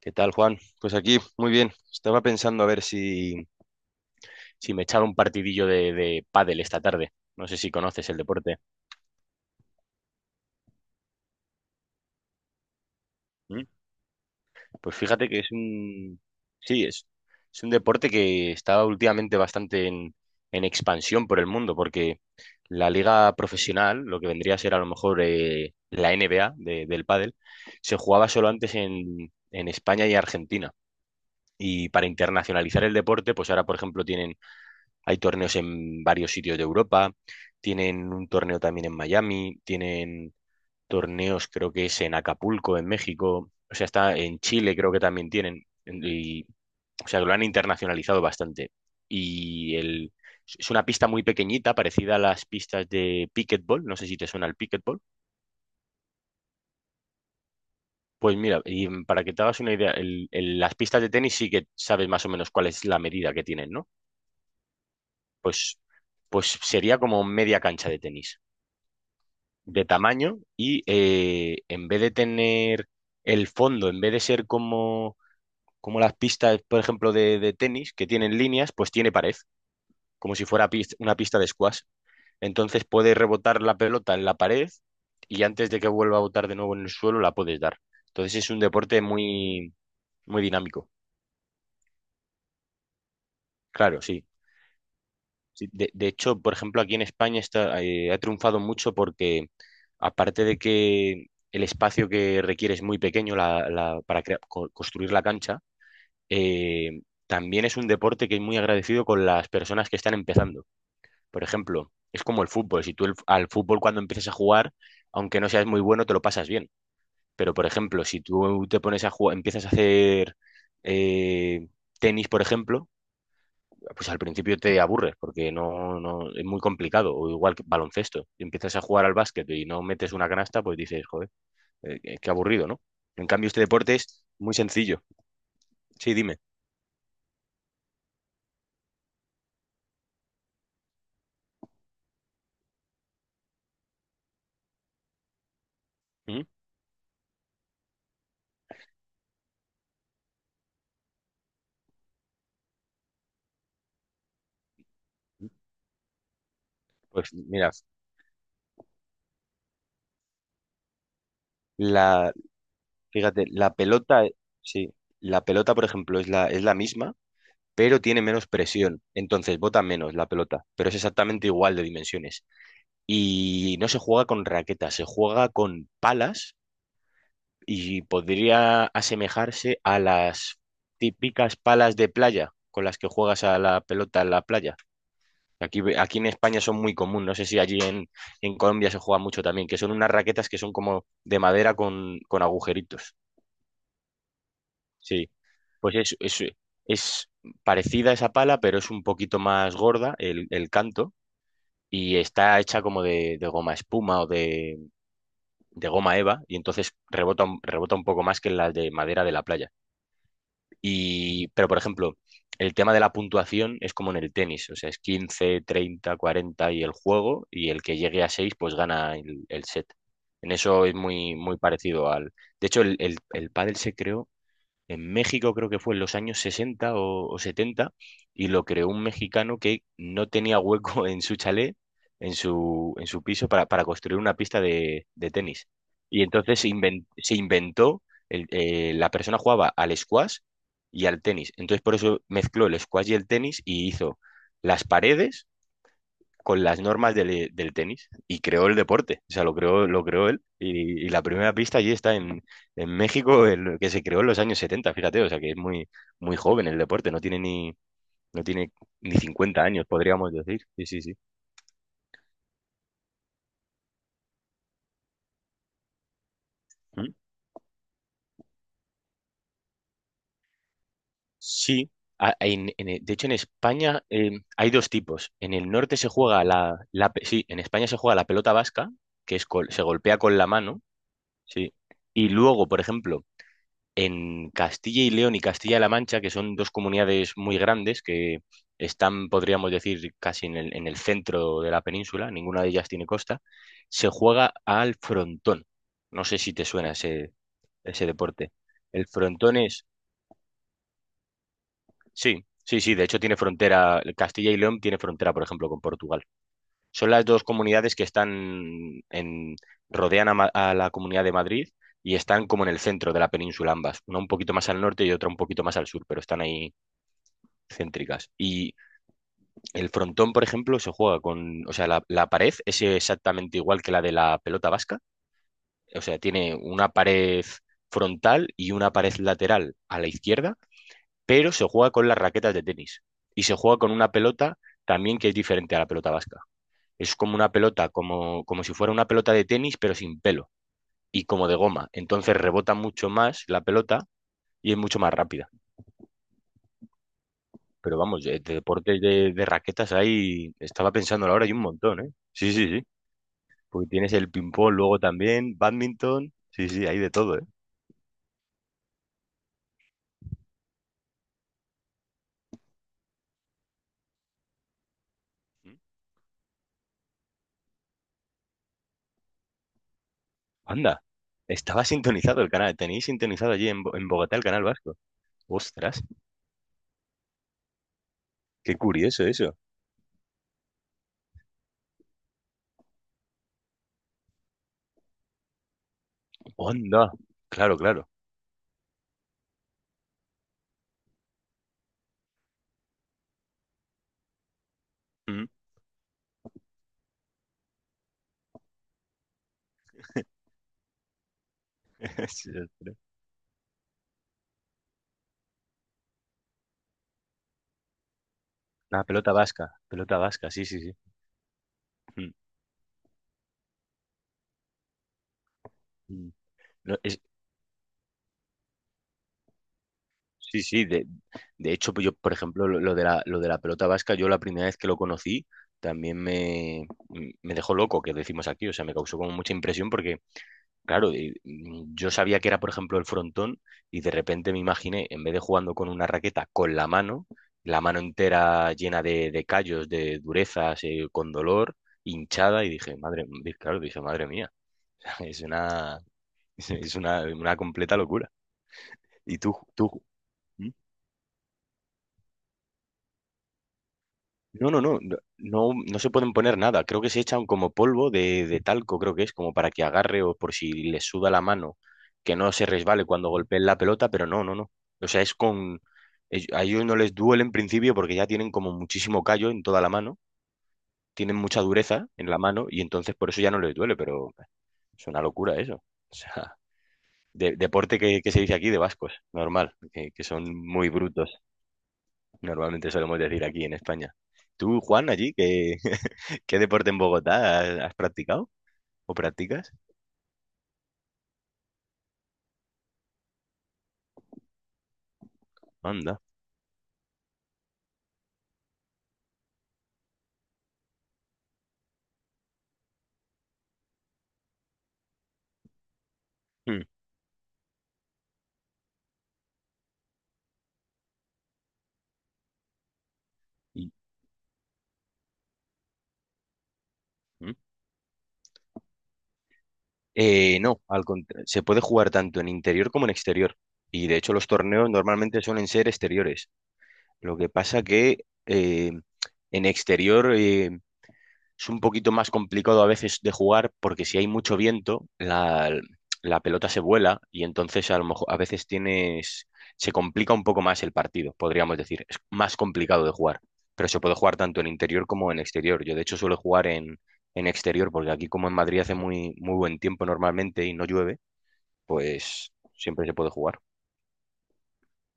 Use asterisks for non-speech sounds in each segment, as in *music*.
¿Qué tal, Juan? Pues aquí, muy bien. Estaba pensando a ver si me echaba un partidillo de pádel esta tarde. No sé si conoces el deporte. ¿Mm? Pues fíjate que es un. Sí, es un deporte que está últimamente bastante en expansión por el mundo, porque la liga profesional, lo que vendría a ser a lo mejor la NBA del pádel, se jugaba solo antes en España y Argentina. Y para internacionalizar el deporte, pues ahora, por ejemplo, tienen Hay torneos en varios sitios de Europa, tienen un torneo también en Miami, tienen torneos creo que es en Acapulco, en México, o sea, está en Chile creo que también tienen, y, o sea, lo han internacionalizado bastante. Y el, es una pista muy pequeñita, parecida a las pistas de pickleball, no sé si te suena el pickleball. Pues mira, y para que te hagas una idea, las pistas de tenis sí que sabes más o menos cuál es la medida que tienen, ¿no? Pues, pues sería como media cancha de tenis. De tamaño y en vez de tener el fondo, en vez de ser como las pistas, por ejemplo, de tenis, que tienen líneas, pues tiene pared, como si fuera una pista de squash. Entonces puedes rebotar la pelota en la pared y antes de que vuelva a botar de nuevo en el suelo la puedes dar. Entonces es un deporte muy, muy dinámico. Claro, sí. Sí, de hecho, por ejemplo, aquí en España ha triunfado mucho porque, aparte de que el espacio que requiere es muy pequeño para construir la cancha, eh, también es un deporte que es muy agradecido con las personas que están empezando. Por ejemplo, es como el fútbol. Si tú al fútbol cuando empiezas a jugar, aunque no seas muy bueno, te lo pasas bien. Pero, por ejemplo, si tú te pones a jugar, empiezas a hacer eh, tenis, por ejemplo, pues al principio te aburres porque no es muy complicado, o igual que baloncesto. Y empiezas a jugar al básquet y no metes una canasta, pues dices, joder, qué aburrido, ¿no? En cambio, este deporte es muy sencillo. Sí, dime. ¿Mm? Pues mira, la, fíjate, la pelota, sí, la pelota, por ejemplo, es la misma, pero tiene menos presión. Entonces bota menos la pelota, pero es exactamente igual de dimensiones. Y no se juega con raquetas, se juega con palas y podría asemejarse a las típicas palas de playa con las que juegas a la pelota en la playa. Aquí en España son muy común, no sé si allí en Colombia se juega mucho también, que son unas raquetas que son como de madera con agujeritos. Sí, pues es parecida a esa pala, pero es un poquito más gorda el canto y está hecha como de goma espuma o de goma eva y entonces rebota un poco más que las de madera de la playa. Y, pero, por ejemplo, el tema de la puntuación es como en el tenis, o sea, es 15 30 40 y el juego, y el que llegue a 6 pues gana el set. En eso es muy, muy parecido al. De hecho, el pádel se creó en México, creo que fue en los años 60 o 70, y lo creó un mexicano que no tenía hueco *laughs* en su chalet, en su piso, para construir una pista de tenis. Y entonces se inventó, la persona jugaba al squash y al tenis. Entonces por eso mezcló el squash y el tenis y hizo las paredes con las normas del tenis y creó el deporte, o sea, lo creó él y la primera pista allí está en México, que se creó en los años 70 fíjate, o sea, que es muy, muy joven el deporte, no tiene ni 50 años, podríamos decir. Sí, sí, sí. ¿Mm? Sí. De hecho, en España hay dos tipos. En el norte se juega sí, en España se juega la pelota vasca, que es se golpea con la mano, sí. Y luego, por ejemplo, en Castilla y León y Castilla-La Mancha, que son dos comunidades muy grandes que están, podríamos decir, casi en el centro de la península, ninguna de ellas tiene costa, se juega al frontón. No sé si te suena ese deporte. El frontón es, sí, sí, sí, de hecho tiene frontera, Castilla y León tiene frontera, por ejemplo, con Portugal. Son las dos comunidades que rodean a la Comunidad de Madrid y están como en el centro de la península ambas, una un poquito más al norte y otra un poquito más al sur, pero están ahí céntricas. Y el frontón, por ejemplo, se juega con, o sea, la pared es exactamente igual que la de la pelota vasca, o sea, tiene una pared frontal y una pared lateral a la izquierda, pero se juega con las raquetas de tenis y se juega con una pelota también que es diferente a la pelota vasca. Es como una pelota, como si fuera una pelota de tenis, pero sin pelo y como de goma. Entonces rebota mucho más la pelota y es mucho más rápida. Pero vamos, de deportes de raquetas ahí, estaba pensando ahora hay un montón, ¿eh? Sí, sí, sí. Porque tienes el ping-pong luego también, bádminton. Sí, sí, hay de todo, ¿eh? Anda, estaba sintonizado el canal, tenéis sintonizado allí en Bogotá el canal vasco. Ostras, qué curioso eso. Onda, claro, claro. Mm. *laughs* Sí, ostras. Una pelota vasca, sí, sí, sí. Mm, mm. No, sí, sí, de hecho, pues yo, por ejemplo, lo de la pelota vasca, yo la primera vez que lo conocí, también me dejó loco, que decimos aquí, o sea, me causó como mucha impresión porque, claro, yo sabía que era, por ejemplo, el frontón y de repente me imaginé, en vez de jugando con una raqueta, con la mano entera llena de callos, de durezas, con dolor, hinchada, y dije, madre, claro, dije, madre mía, *laughs* es una, una completa locura. ¿Y tú, tú? No, no, no, no, no, no se pueden poner nada. Creo que se echan como polvo de talco, creo que es, como para que agarre o por si le suda la mano, que no se resbale cuando golpeen la pelota, pero no, no, no. O sea, a ellos no les duele en principio porque ya tienen como muchísimo callo en toda la mano, tienen mucha dureza en la mano y entonces por eso ya no les duele, pero es una locura eso. *laughs* O sea, deporte que se dice aquí de vascos, normal, que son muy brutos, normalmente solemos decir aquí en España. ¿Tú, Juan, allí, que? ¿Qué deporte en Bogotá has practicado o practicas? Anda. Mm, y- mm. No, se puede jugar tanto en interior como en exterior. Y de hecho los torneos normalmente suelen ser exteriores. Lo que pasa que en exterior, es un poquito más complicado a veces de jugar porque si hay mucho viento, la pelota se vuela y entonces a lo mejor a veces tienes, se complica un poco más el partido, podríamos decir. Es más complicado de jugar, pero se puede jugar tanto en interior como en exterior. Yo de hecho suelo jugar en exterior porque aquí como en Madrid hace muy, muy buen tiempo normalmente y no llueve, pues siempre se puede jugar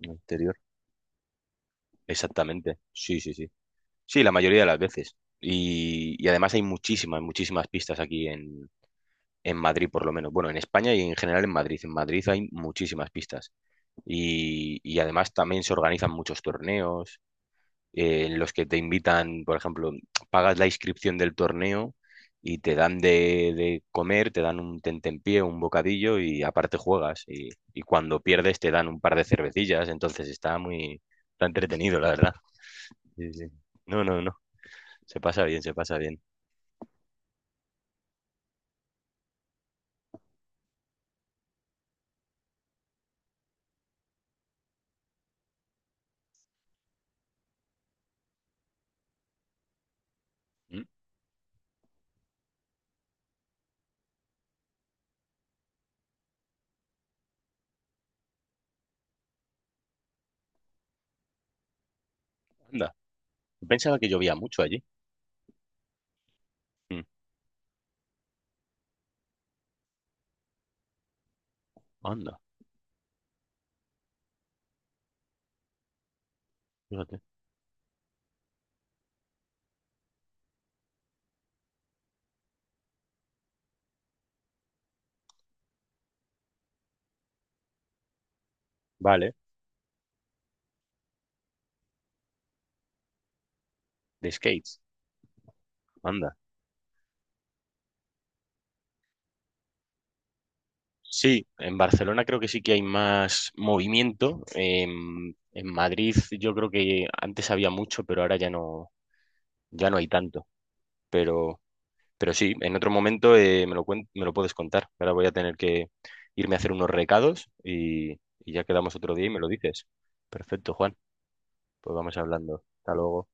en exterior. Exactamente, sí, sí, sí. Sí, la mayoría de las veces. Y además hay muchísimas, muchísimas pistas aquí en Madrid, por lo menos. Bueno, en España y en general en Madrid. En Madrid hay muchísimas pistas. Y además también se organizan muchos torneos en los que te invitan, por ejemplo, pagas la inscripción del torneo y te dan de comer, te dan un tentempié, un bocadillo y aparte juegas. Y cuando pierdes te dan un par de cervecillas. Entonces está entretenido, la verdad. Sí, sí. No, no, no. Se pasa bien, se pasa bien. Mm. Anda. Pensaba que llovía mucho allí. Mm. Anda. Fíjate. Vale. De skates, anda. Sí, en Barcelona creo que sí que hay más movimiento. En Madrid yo creo que antes había mucho, pero ahora ya no, ya no hay tanto. Pero, pero sí, en otro momento me lo puedes contar. Ahora voy a tener que irme a hacer unos recados y ya quedamos otro día y me lo dices. Perfecto, Juan. Pues vamos hablando. Hasta luego.